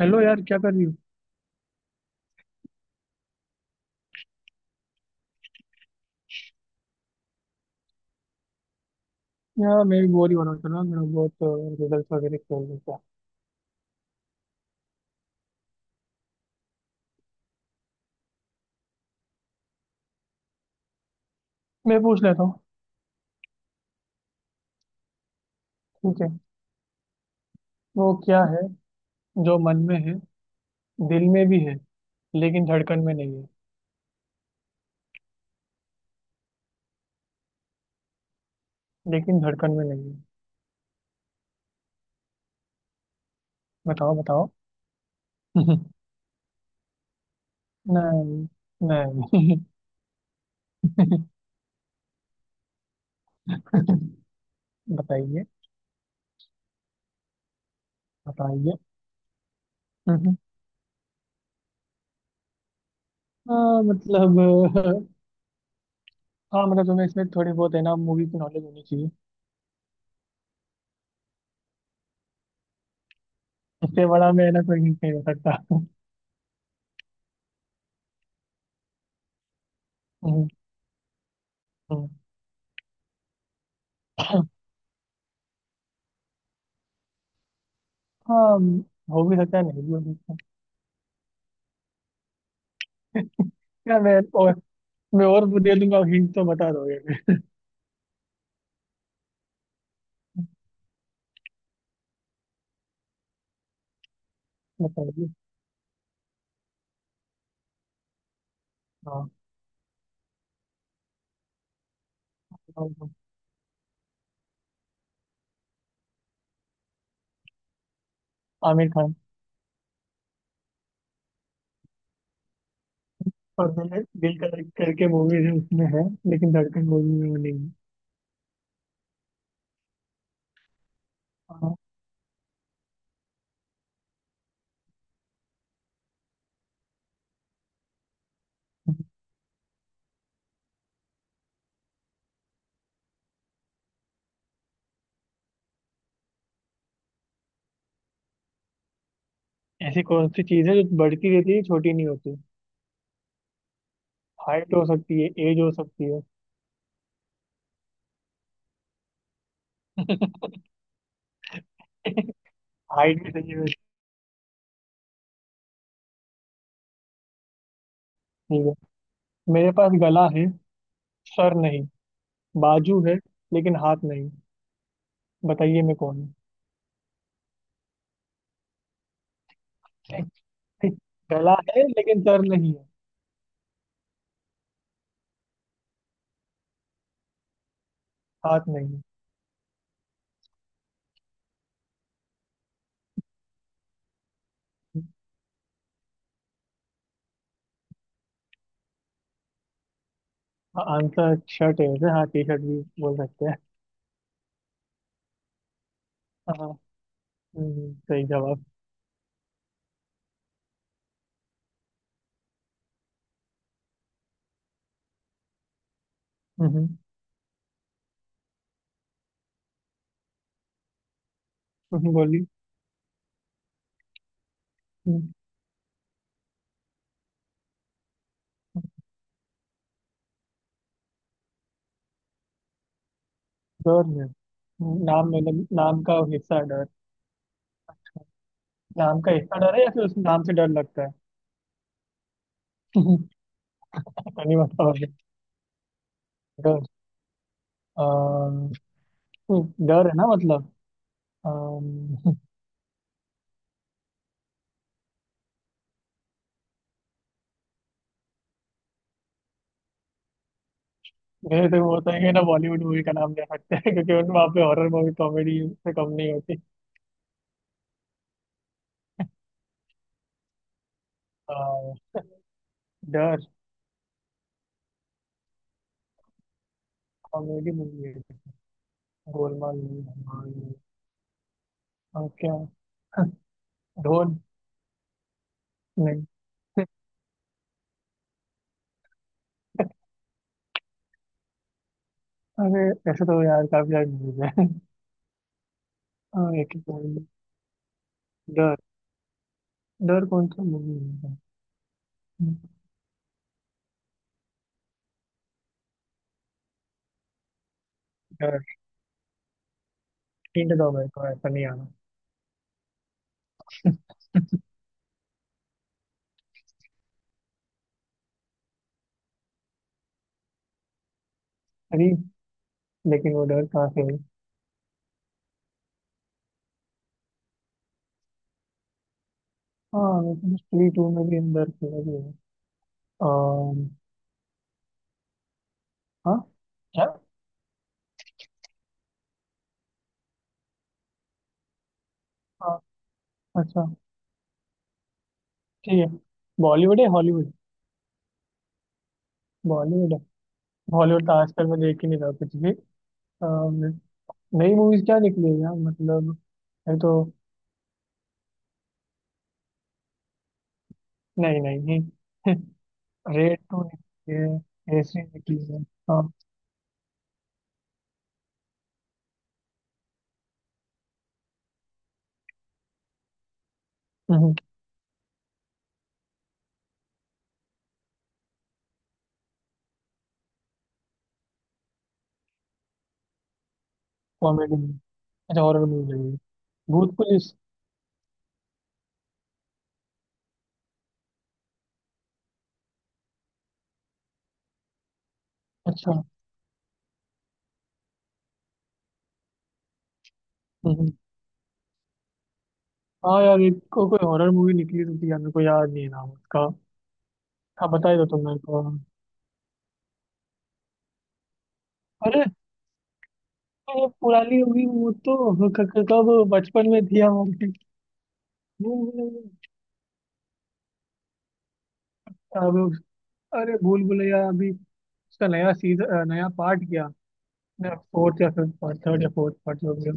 Hello यार, क्या कर रही हो। यार मैं भी बोर ही हो रहा था ना। मेरा बहुत रिजल्ट वगैरह खेल रहा था। मैं पूछ लेता हूँ। ठीक है। वो क्या है जो मन में है, दिल में भी है, लेकिन धड़कन में नहीं है। लेकिन धड़कन में नहीं है। बताओ बताओ। नहीं, नहीं। बताइए। बताइए। हम्म। हाँ मतलब। हाँ मतलब तुम्हें इसमें थोड़ी बहुत है ना मूवी की नॉलेज होनी चाहिए। इससे बड़ा मैं है ना कोई hint नहीं हो सकता। हम्म। हम्म। हाँ, हो भी सकता है नहीं भी हो सकता। क्या मैं और वो दे दूंगा हिंट तो बता दोगे। बताइए। हाँ, बताओ तो। आमिर खान। और मैंने दिल का दर्द करके मूवीज है उसमें है, लेकिन धड़कन मूवी में वो नहीं है। हाँ। ऐसी कौन सी चीज है जो बढ़ती रहती है, छोटी नहीं होती। हाइट हो सकती है, एज हो सकती है। हाइट भी सही है वैसे। ठीक है। मेरे पास गला है, सर नहीं, बाजू है लेकिन हाथ नहीं। बताइए मैं कौन हूँ। गला है लेकिन सर नहीं है। हाथ नहीं है। हाँ, आंसर शर्ट है वैसे। हाँ, टी शर्ट भी बोल सकते हैं। हाँ। सही जवाब। हम्म। बोली। हम्म। डर में। नाम मतलब नाम का हिस्सा है डर। नाम का हिस्सा डर है या फिर उस नाम से डर लगता है। पता नहीं, बताओगे डर। अम, डर है ना मतलब। अम, मेरे से वो होता है कि ना बॉलीवुड मूवी का नाम ले सकते हैं, क्योंकि उन वहाँ पे हॉरर मूवी कॉमेडी से कम नहीं होती। अ, डर कॉमेडी मूवी है। गोलमाल movie, धमाल movie, और क्या। ढोल। नहीं। अरे ऐसे तो यार काफी सारी मूवीज है। एक डर। डर कौन सा मूवी है। डर। हिंट दो मेरे को, ऐसा नहीं आना। अरे लेकिन वो डर कहाँ से है? हाँ लेकिन स्त्री टू में भी अंदर खेला भी है। अम, हाँ क्या। हाँ, अच्छा, ठीक है। बॉलीवुड है हॉलीवुड। बॉलीवुड है। हॉलीवुड तो आजकल मैं देख ही नहीं रहा कुछ भी। अम, नई मूवीज क्या निकली है यार, मतलब है तो। नहीं नहीं। रेड टू निकली है, ऐसी निकली है। हाँ, कॉमेडी। अच्छा हॉरर मूवी है। भूत पुलिस। अच्छा। हम्म। हाँ यार एक को, कोई हॉरर मूवी निकली तो थी यार, मेरे को याद नहीं है नाम उसका। हाँ बता ही दो तुम मेरे को। अरे ये पुरानी होगी वो तो। हाँ, कब बचपन में थी हम। भूल भुलैया। अब- अरे भूल भुलैया अभी उसका नया सीजन, नया पार्ट क्या, फोर्थ या फिफ्थ पार्ट, थर्ड या फोर्थ पार्ट हो गया।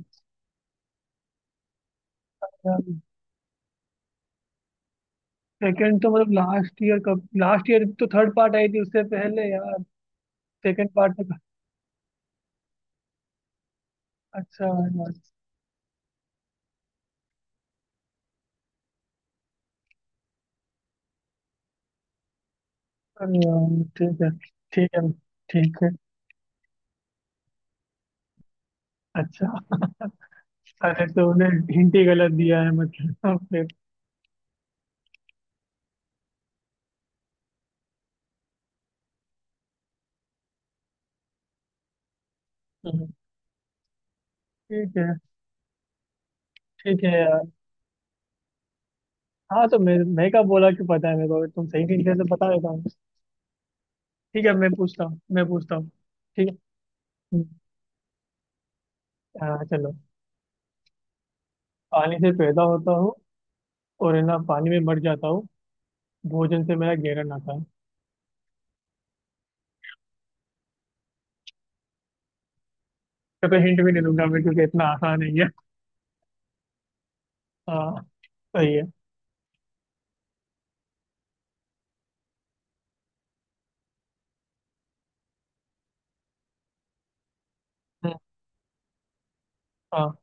सेकंड तो मतलब लास्ट ईयर, कब, लास्ट ईयर तो थर्ड पार्ट आई थी, उससे पहले यार सेकंड पार्ट तो। अच्छा यार। अरे यार, ठीक है। ठीक है। ठीक है। अच्छा अरे तूने हिंट ही गलत दिया है मतलब। फिर हम्म, ठीक है। ठीक है यार। हाँ तो मैं क्या बोला, कि पता है मेरे को, अगर तुम सही नहीं थे तो बता देता हूँ। ठीक है। मैं पूछता हूँ। ठीक है। हम्म। हाँ चलो। पानी से पैदा होता हूँ और है ना पानी में मर जाता हूँ। भोजन से मेरा गहरा नाता है। तो हिंट भी नहीं दूंगा मैं, क्योंकि इतना आसान है ये। हाँ, सही है। हम्म। हाँ।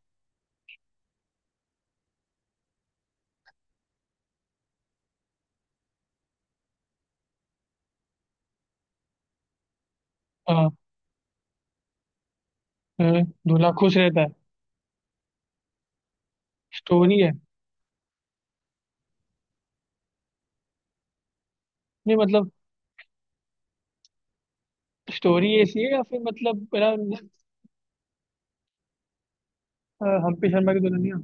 हाँ। दूल्हा खुश रहता है। स्टोरी है। नहीं मतलब। स्टोरी ऐसी है या फिर मतलब मेरा हम्प्टी शर्मा की दुल्हनिया।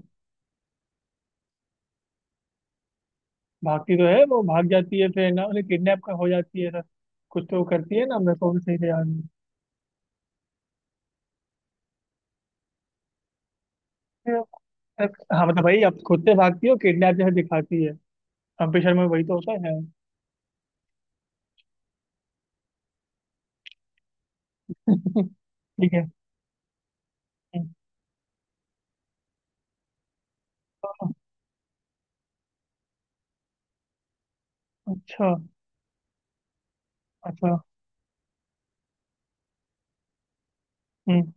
भागती तो है, वो भाग जाती है फिर ना उन्हें किडनैप का हो जाती है ना। कुछ तो करती है ना, मेरे को भी सही से याद नहीं। फिर हाँ मतलब भाई अब खुद से भागती है, किडनैप जैसे दिखाती है। कम्पटिशन शर्मा में वही तो होता है। ठीक है। हम्म। अच्छा, अच्छा। हम्म।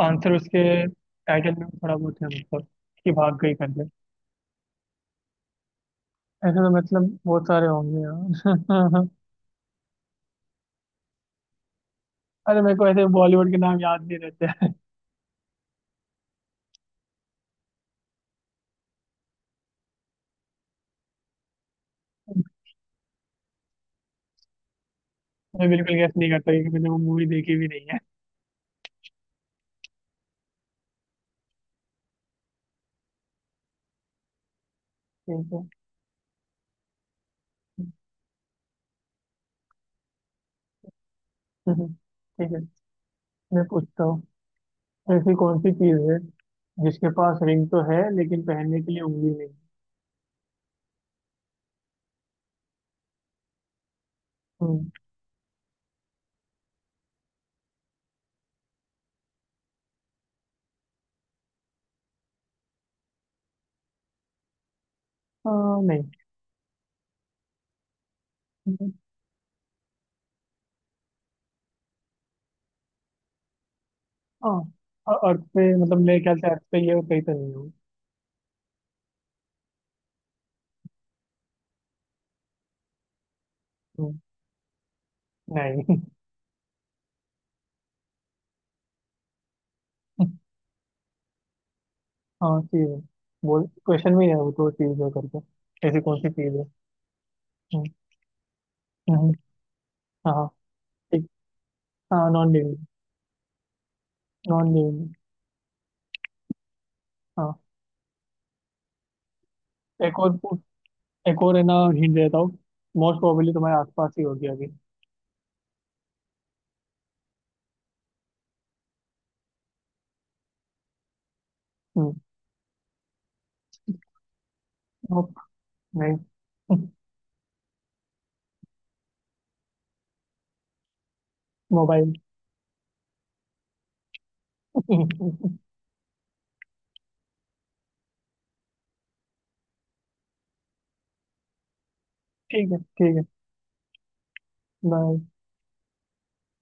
आंसर उसके टाइटल में भी थोड़ा बहुत है, मतलब कि भाग गई करके। ऐसे तो मतलब बहुत सारे होंगे यार। अरे मेरे को ऐसे बॉलीवुड के नाम याद नहीं रहते। हैं मैं बिल्कुल गैस नहीं करता, क्योंकि मैंने वो मूवी देखी भी नहीं है। ठीक है। ठीक है। मैं पूछता हूँ। ऐसी कौन सी चीज है जिसके पास रिंग तो है लेकिन पहनने के लिए उंगली नहीं। हम्म। आ, नहीं। हाँ, अर्थ पे मतलब मेरे ख्याल से अर्थ पे ये कहीं तो नहीं हो। हम्म, नहीं। हाँ चीज है। बोल, क्वेश्चन में ही है वो तो, चीज है करके, ऐसी कौन सी चीज है। हम्म। हम्म। हाँ हाँ, ठीक। हाँ, नॉन लिविंग। Non living. हाँ। एक और पू- एक और है ना हिंट देता हूँ। मोस्ट प्रोबेबली तुम्हारे आसपास ही होगी अभी। हम्म, nope, नहीं। मोबाइल। ठीक है। ठीक है, बाय।